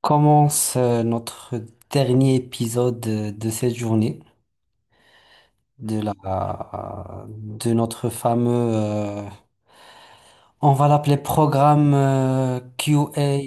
Commence notre dernier épisode de cette journée, de notre fameux, on va l'appeler programme QA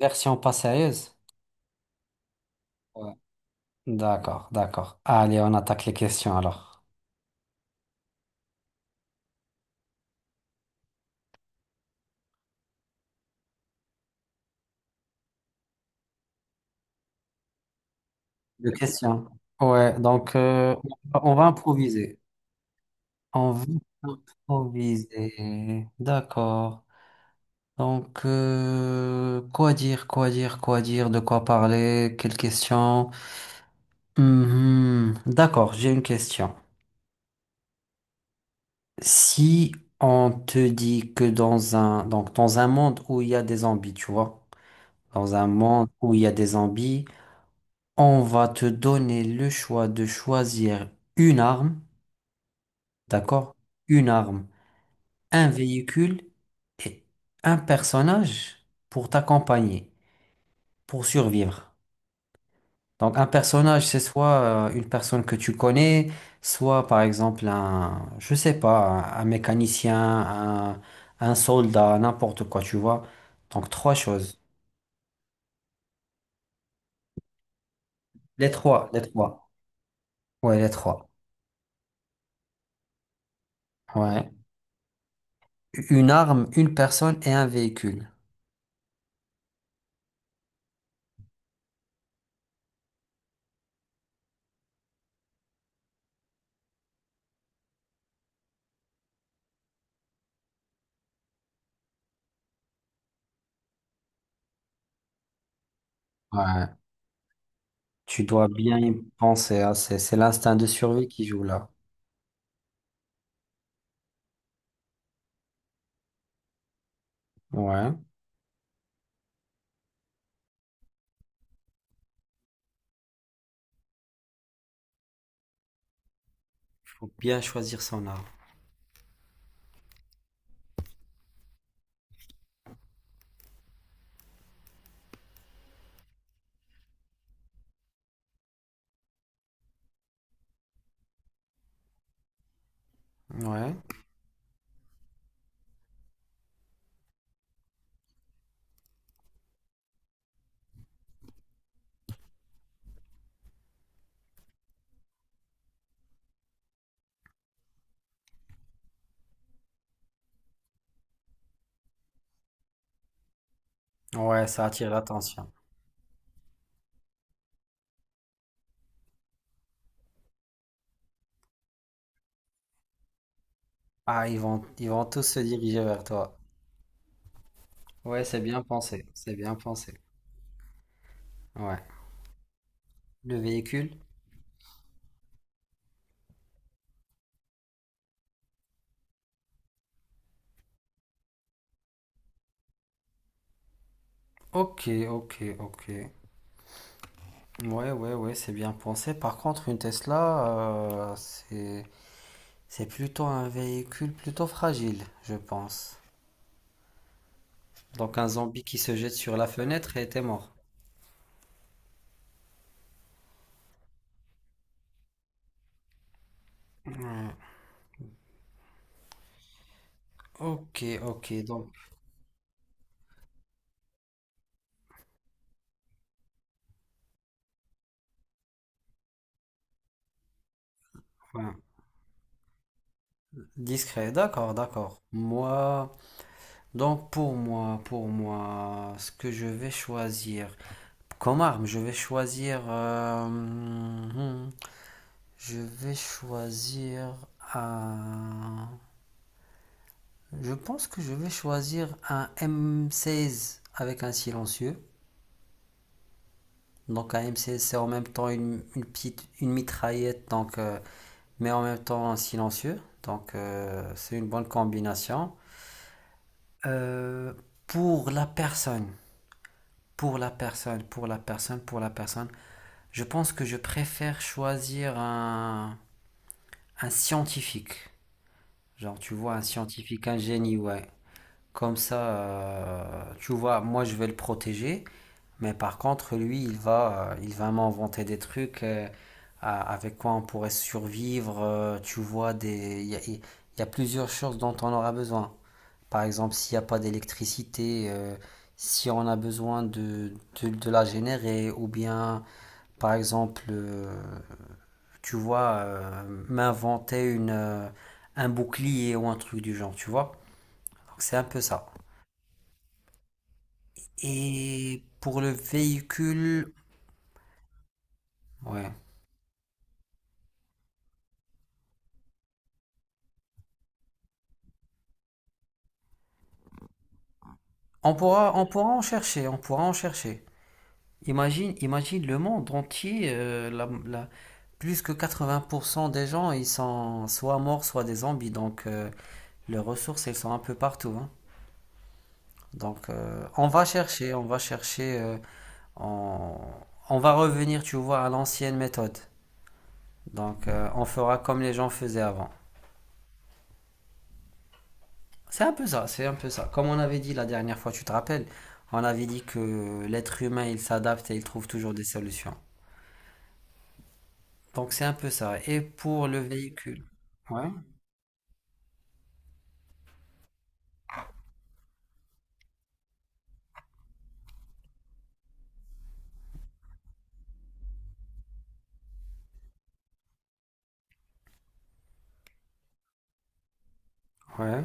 version pas sérieuse. Ouais. D'accord, d'accord. Allez, on attaque les questions alors. Les questions. Ouais, donc on va improviser. On va improviser. D'accord. Donc, quoi dire, quoi dire, quoi dire, de quoi parler, quelles questions? Mhm. D'accord, j'ai une question. Si on te dit que donc dans un monde où il y a des zombies, tu vois, dans un monde où il y a des zombies, on va te donner le choix de choisir une arme, d'accord? Une arme, un véhicule et un personnage pour t'accompagner, pour survivre. Donc un personnage, c'est soit une personne que tu connais, soit par exemple je sais pas, un mécanicien, un soldat, n'importe quoi, tu vois. Donc trois choses. Les trois, les trois. Ouais, les trois. Ouais. Une arme, une personne et un véhicule. Ouais. Tu dois bien y penser, hein. C'est l'instinct de survie qui joue là. Ouais. Faut bien choisir son arme. Ouais. Ouais, ça attire l'attention. Ah, ils vont tous se diriger vers toi. Ouais, c'est bien pensé, c'est bien pensé. Ouais. Le véhicule? Ok, ok, ok. Ouais, ouais, ouais, c'est bien pensé. Par contre, une Tesla, c'est plutôt un véhicule plutôt fragile, je pense. Donc un zombie qui se jette sur la fenêtre et était mort. Hmm. Ok, ok, donc ouais, discret, d'accord, d'accord. Moi, donc pour moi, ce que je vais choisir comme arme, je vais choisir. Je vais choisir un. Je pense que je vais choisir un M16 avec un silencieux. Donc un M16 c'est en même temps une petite une mitraillette donc mais en même temps silencieux. Donc c'est une bonne combinaison. Euh, pour la personne, pour la personne, je pense que je préfère choisir un scientifique. Genre tu vois un scientifique, un génie, ouais. Comme ça, tu vois, moi je vais le protéger, mais par contre, lui, il va m'inventer des trucs avec quoi on pourrait survivre. Tu vois, il y a plusieurs choses dont on aura besoin. Par exemple, s'il n'y a pas d'électricité, si on a besoin de la générer, ou bien, par exemple, tu vois, m'inventer un bouclier ou un truc du genre, tu vois. Donc, c'est un peu ça. Et pour le véhicule, ouais. On pourra en chercher, on pourra en chercher. Imagine le monde entier, plus que 80% des gens, ils sont soit morts, soit des zombies. Donc, les ressources, elles sont un peu partout. Hein. Donc, on va chercher, on va chercher, on, on va revenir, tu vois, à l'ancienne méthode. Donc, on fera comme les gens faisaient avant. C'est un peu ça, c'est un peu ça. Comme on avait dit la dernière fois, tu te rappelles, on avait dit que l'être humain, il s'adapte et il trouve toujours des solutions. Donc c'est un peu ça. Et pour le véhicule. Ouais, ouais.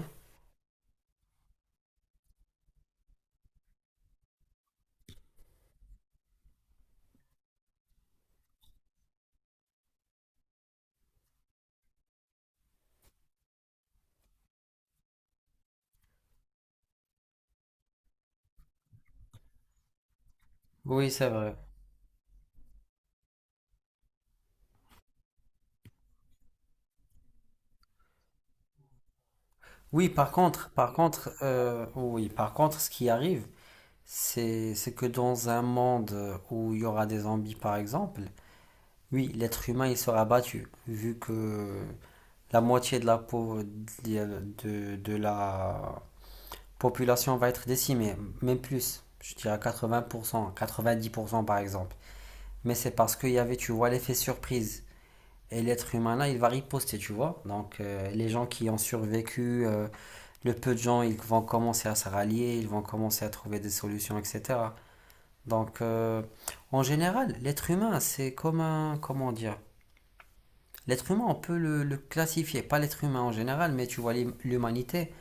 Oui, c'est vrai. Oui, par contre, oui, par contre, ce qui arrive, c'est que dans un monde où il y aura des zombies, par exemple, oui, l'être humain, il sera battu, vu que la moitié de la peau de la population va être décimée, même plus, je dirais 80%, 90% par exemple. Mais c'est parce qu'il y avait, tu vois, l'effet surprise. Et l'être humain là, il va riposter, tu vois. Donc les gens qui ont survécu, le peu de gens, ils vont commencer à se rallier, ils vont commencer à trouver des solutions, etc. Donc en général, l'être humain, c'est comme un, comment dire, l'être humain, on peut le classifier, pas l'être humain en général, mais tu vois, l'humanité,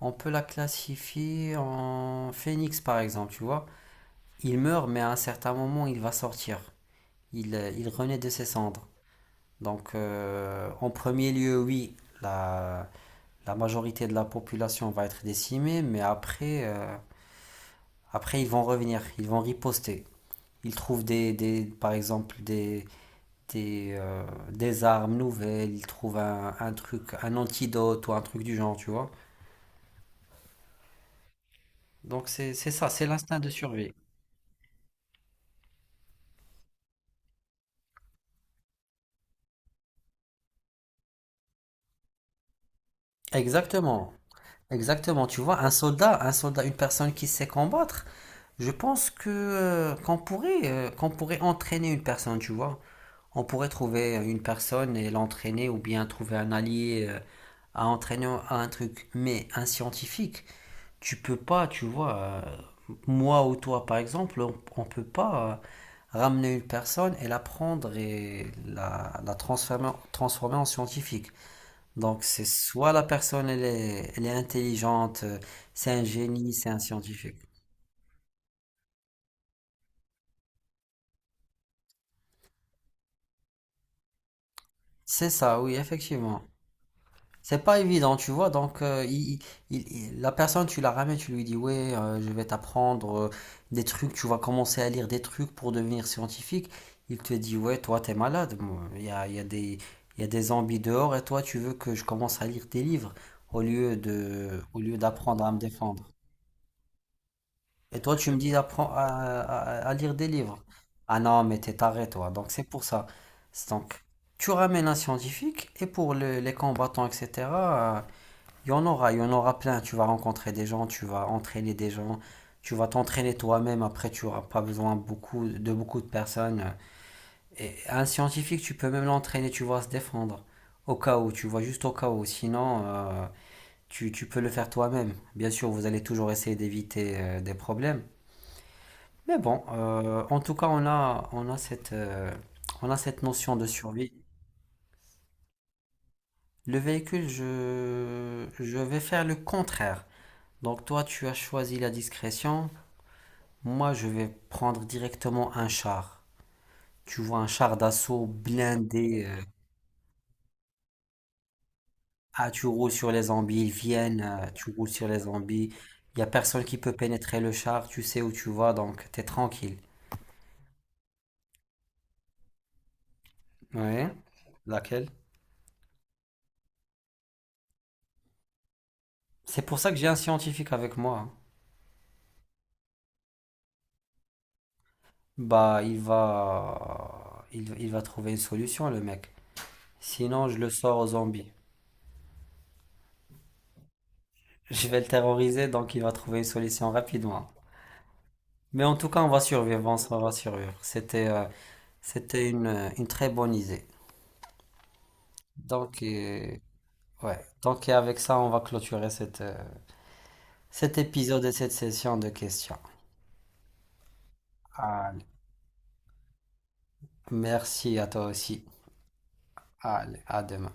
on peut la classifier en phénix par exemple, tu vois. Il meurt, mais à un certain moment, il va sortir. Il renaît de ses cendres. Donc, en premier lieu, oui, la majorité de la population va être décimée, mais après ils vont revenir, ils vont riposter. Ils trouvent par exemple des, euh, des armes nouvelles, ils trouvent un truc, un antidote ou un truc du genre, tu vois. Donc c'est ça, c'est l'instinct de survie. Exactement, exactement. Tu vois, un soldat, une personne qui sait combattre, je pense que qu'on pourrait entraîner une personne, tu vois. On pourrait trouver une personne et l'entraîner ou bien trouver un allié à entraîner à un truc. Mais un scientifique, tu peux pas, tu vois, moi ou toi par exemple, on peut pas ramener une personne et la prendre et la transformer, en scientifique. Donc c'est soit la personne elle est intelligente, c'est un génie, c'est un scientifique. C'est ça, oui, effectivement. C'est pas évident, tu vois. Donc, la personne, tu la ramènes, tu lui dis, ouais, je vais t'apprendre des trucs, tu vas commencer à lire des trucs pour devenir scientifique. Il te dit, ouais, toi, t'es malade. Moi. Il y a des zombies dehors et toi, tu veux que je commence à lire tes livres au lieu d'apprendre à me défendre. Et toi, tu me dis d'apprendre à lire des livres. Ah non, mais t'es taré, toi. Donc, c'est pour ça. C'est Donc, tu ramènes un scientifique et pour les combattants, etc. Il y en aura, il y en aura plein. Tu vas rencontrer des gens, tu vas entraîner des gens, tu vas t'entraîner toi-même. Après, tu n'auras pas besoin de beaucoup de personnes. Et un scientifique, tu peux même l'entraîner, tu vas se défendre. Au cas où, tu vois, juste au cas où. Sinon, tu peux le faire toi-même. Bien sûr, vous allez toujours essayer d'éviter des problèmes. Mais bon, en tout cas, on a cette notion de survie. Le véhicule, je vais faire le contraire. Donc toi, tu as choisi la discrétion. Moi, je vais prendre directement un char. Tu vois, un char d'assaut blindé. Tu roules sur les zombies, ils viennent, tu roules sur les zombies. Il n'y a personne qui peut pénétrer le char, tu sais où tu vas, donc t'es tranquille. Ouais. Laquelle? C'est pour ça que j'ai un scientifique avec moi. Hein. Bah, il va trouver une solution, le mec. Sinon, je le sors aux zombies. Je vais le terroriser, donc il va trouver une solution rapidement. Mais en tout cas, on va survivre, on va survivre. C'était une très bonne idée. Donc, ouais. Donc, et avec ça, on va clôturer cet épisode et cette session de questions. Allez, merci à toi aussi. Allez, à demain.